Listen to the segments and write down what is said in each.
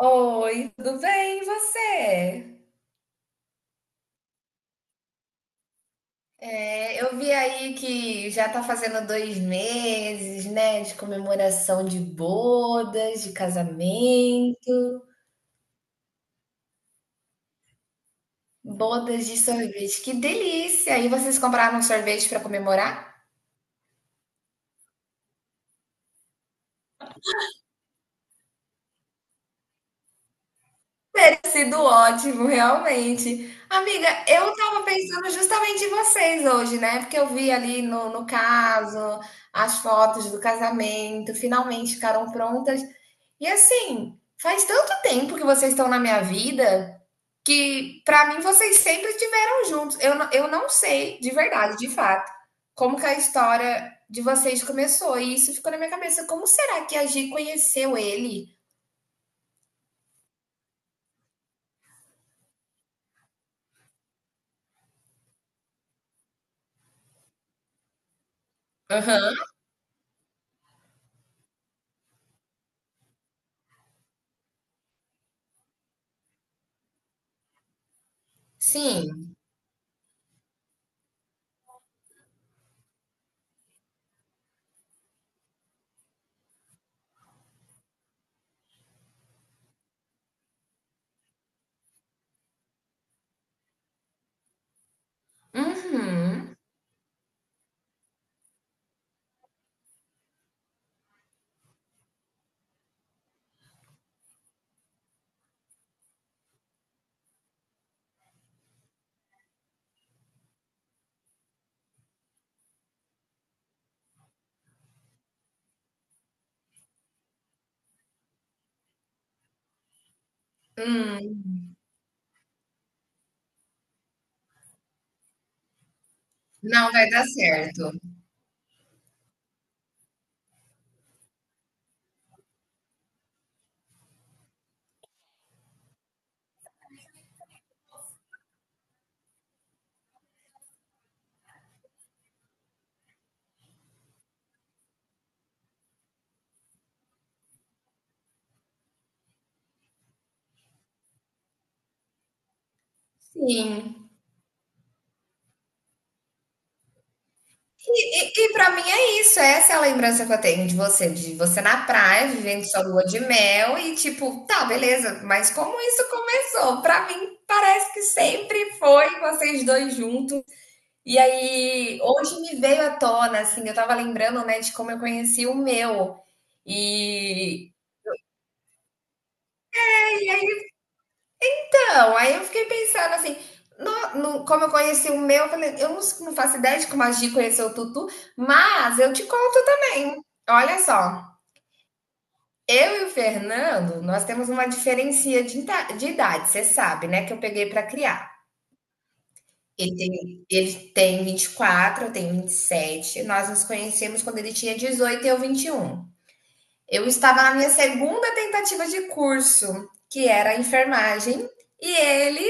Oi, tudo bem, e você? É, eu vi aí que já tá fazendo dois meses, né, de comemoração de bodas, de casamento, bodas de sorvete. Que delícia! E vocês compraram sorvete pra comemorar? Tem sido ótimo, realmente. Amiga, eu tava pensando justamente em vocês hoje, né? Porque eu vi ali no caso as fotos do casamento, finalmente ficaram prontas. E assim, faz tanto tempo que vocês estão na minha vida que, pra mim, vocês sempre estiveram juntos. Eu não sei, de verdade, de fato, como que a história de vocês começou. E isso ficou na minha cabeça. Como será que a Gi conheceu ele? Aham. Sim. Uhum. Hum. Não vai dar certo. Sim. E para mim é isso, essa é a lembrança que eu tenho de você na praia, vivendo sua lua de mel e tipo, tá, beleza, mas como isso começou? Para mim parece que sempre foi vocês dois juntos. E aí hoje me veio à tona assim, eu tava lembrando, né, de como eu conheci o meu. E então, aí eu fiquei pensando assim, como eu conheci o meu, eu falei, eu não faço ideia de como a Gi conheceu o Tutu, mas eu te conto também. Olha só. Eu e o Fernando, nós temos uma diferença de, de idade, você sabe, né? Que eu peguei para criar. Ele tem 24, eu tenho 27. Nós nos conhecemos quando ele tinha 18 e eu 21. Eu estava na minha segunda tentativa de curso, que era enfermagem, e ele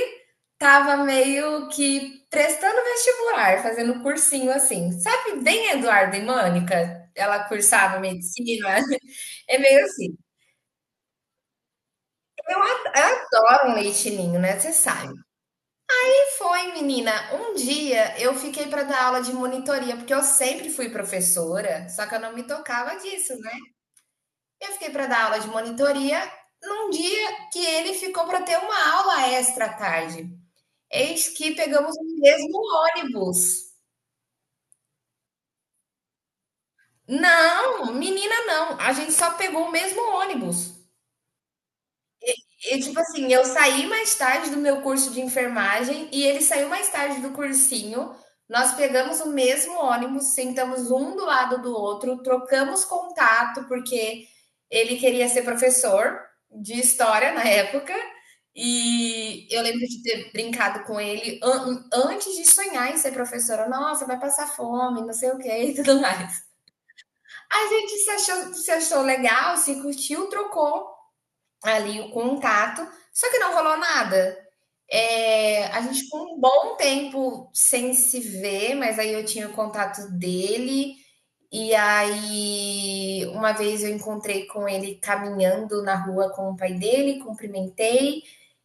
estava meio que prestando vestibular, fazendo cursinho assim. Sabe bem Eduardo e Mônica? Ela cursava medicina. É meio assim. Eu adoro um leite ninho, né? Você sabe. E foi, menina, um dia eu fiquei para dar aula de monitoria, porque eu sempre fui professora, só que eu não me tocava disso, né? Eu fiquei para dar aula de monitoria num dia que ele ficou para ter uma aula extra à tarde. Eis que pegamos o mesmo ônibus. Não, menina, não. A gente só pegou o mesmo ônibus. E tipo assim, eu saí mais tarde do meu curso de enfermagem e ele saiu mais tarde do cursinho. Nós pegamos o mesmo ônibus, sentamos um do lado do outro, trocamos contato, porque ele queria ser professor de história na época. E eu lembro de ter brincado com ele antes de sonhar em ser professora. Nossa, vai passar fome, não sei o que e tudo mais. A gente se achou, se achou legal, se curtiu, trocou ali o contato, só que não rolou nada. É, a gente ficou um bom tempo sem se ver, mas aí eu tinha o contato dele. E aí, uma vez eu encontrei com ele caminhando na rua com o pai dele, cumprimentei.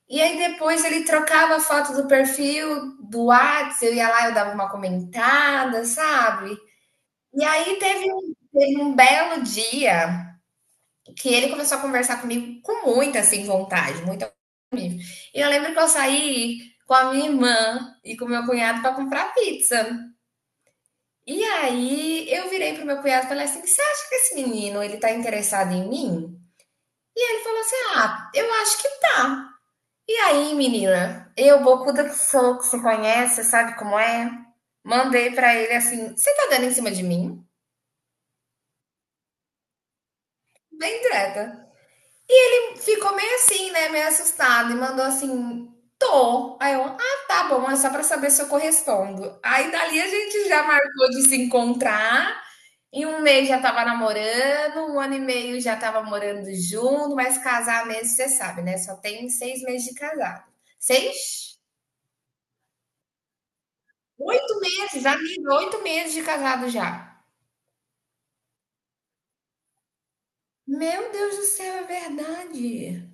E aí, depois ele trocava a foto do perfil do WhatsApp, eu ia lá, eu dava uma comentada, sabe? E aí, teve um belo dia que ele começou a conversar comigo com muita assim, vontade, muito e eu lembro que eu saí com a minha irmã e com o meu cunhado para comprar pizza. E aí eu virei pro meu cunhado e falei assim: "Você acha que esse menino ele tá interessado em mim?" E ele falou assim: "Ah, eu acho que tá". E aí, menina, eu bocuda que sou, que você conhece, sabe como é? Mandei pra ele assim: "Você tá dando em cima de mim?" Bem direta. Ficou meio assim, né? Meio assustada e mandou assim: tô. Aí eu, ah, tá bom, é só pra saber se eu correspondo. Aí dali a gente já marcou de se encontrar. Em um mês já tava namorando, um ano e meio já tava morando junto, mas casar mesmo, você sabe, né? Só tem seis meses de casado. Seis? Oito meses, amiga, oito meses de casado já. Meu Deus do céu, é verdade.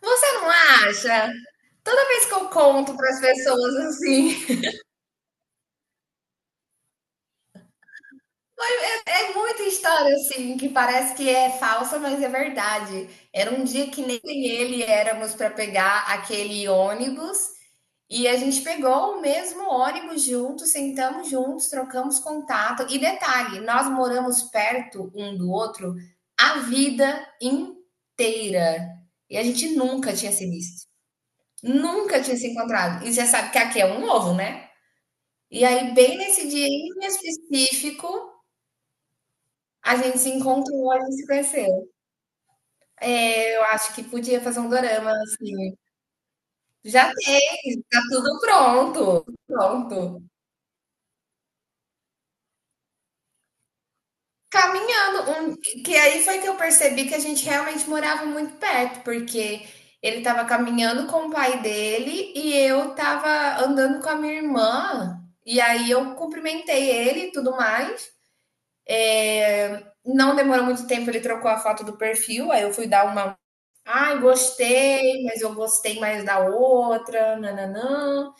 Você não acha? Toda vez que eu conto para as pessoas assim, é muita história, assim, que parece que é falsa, mas é verdade. Era um dia que nem ele éramos para pegar aquele ônibus e a gente pegou o mesmo ônibus juntos, sentamos juntos, trocamos contato. E detalhe, nós moramos perto um do outro a vida inteira. E a gente nunca tinha se visto. Nunca tinha se encontrado. E você sabe que aqui é um ovo, né? E aí, bem nesse dia em específico, a gente se encontrou, a gente se conheceu. É, eu acho que podia fazer um dorama, assim. Já tem, tá tudo pronto. Pronto. Caminhando. Um, que aí foi que eu percebi que a gente realmente morava muito perto, porque ele tava caminhando com o pai dele e eu tava andando com a minha irmã. E aí eu cumprimentei ele e tudo mais. É, não demorou muito tempo, ele trocou a foto do perfil, aí eu fui dar uma ai, gostei, mas eu gostei mais da outra, nananã.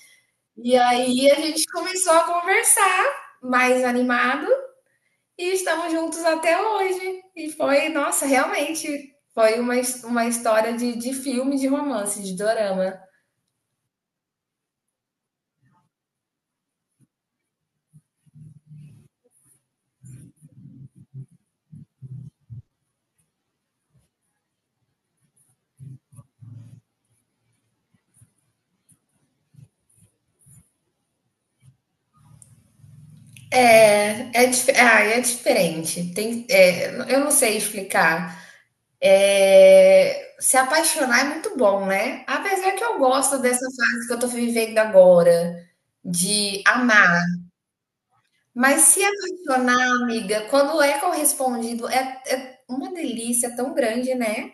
E aí a gente começou a conversar mais animado e estamos juntos até hoje. E foi, nossa, realmente foi uma história de filme, de romance, de dorama. É diferente. Tem, é, eu não sei explicar. É, se apaixonar é muito bom, né? Apesar que eu gosto dessa fase que eu tô vivendo agora, de amar. Mas se apaixonar, amiga, quando é correspondido, é uma delícia tão grande, né?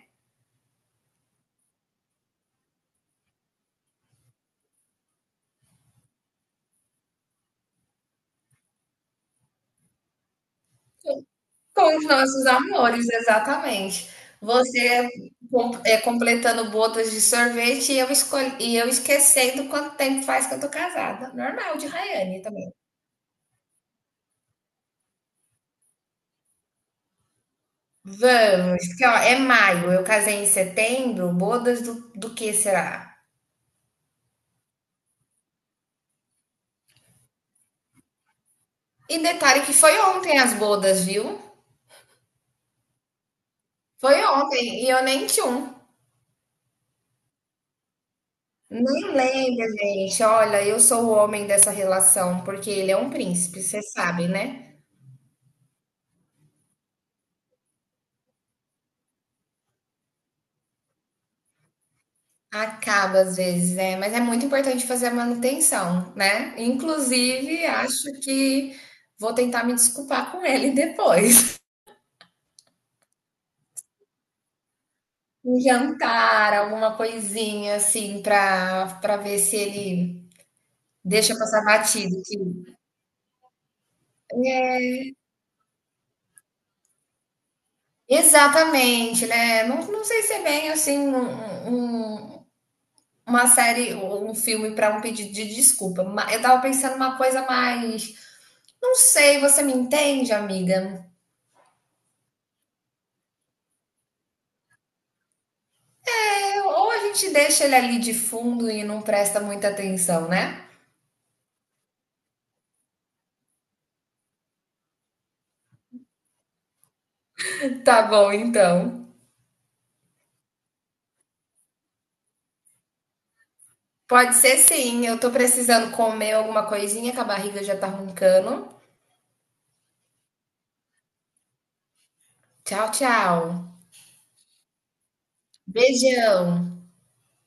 Com os nossos amores, exatamente. Você é, completando bodas de sorvete e eu, escolhi, e eu esquecendo quanto tempo faz que eu tô casada. Normal, de Rayane também. Vamos, que ó, é maio, eu casei em setembro, bodas do, do que será? E detalhe que foi ontem as bodas, viu? Foi ontem, e eu nem tinha um. Nem lembra, gente. Olha, eu sou o homem dessa relação, porque ele é um príncipe, você sabe, né? Acaba às vezes, né? Mas é muito importante fazer a manutenção, né? Inclusive, acho que vou tentar me desculpar com ele depois. Um jantar, alguma coisinha assim, pra, pra ver se ele deixa passar batido. É, exatamente, né? Não, não sei se é bem assim um uma série ou um filme para um pedido de desculpa. Eu tava pensando uma coisa mais. Não sei, você me entende, amiga? É, ou a gente deixa ele ali de fundo e não presta muita atenção, né? Tá bom, então. Pode ser sim, eu tô precisando comer alguma coisinha que a barriga já tá roncando. Tchau, tchau. Beijão.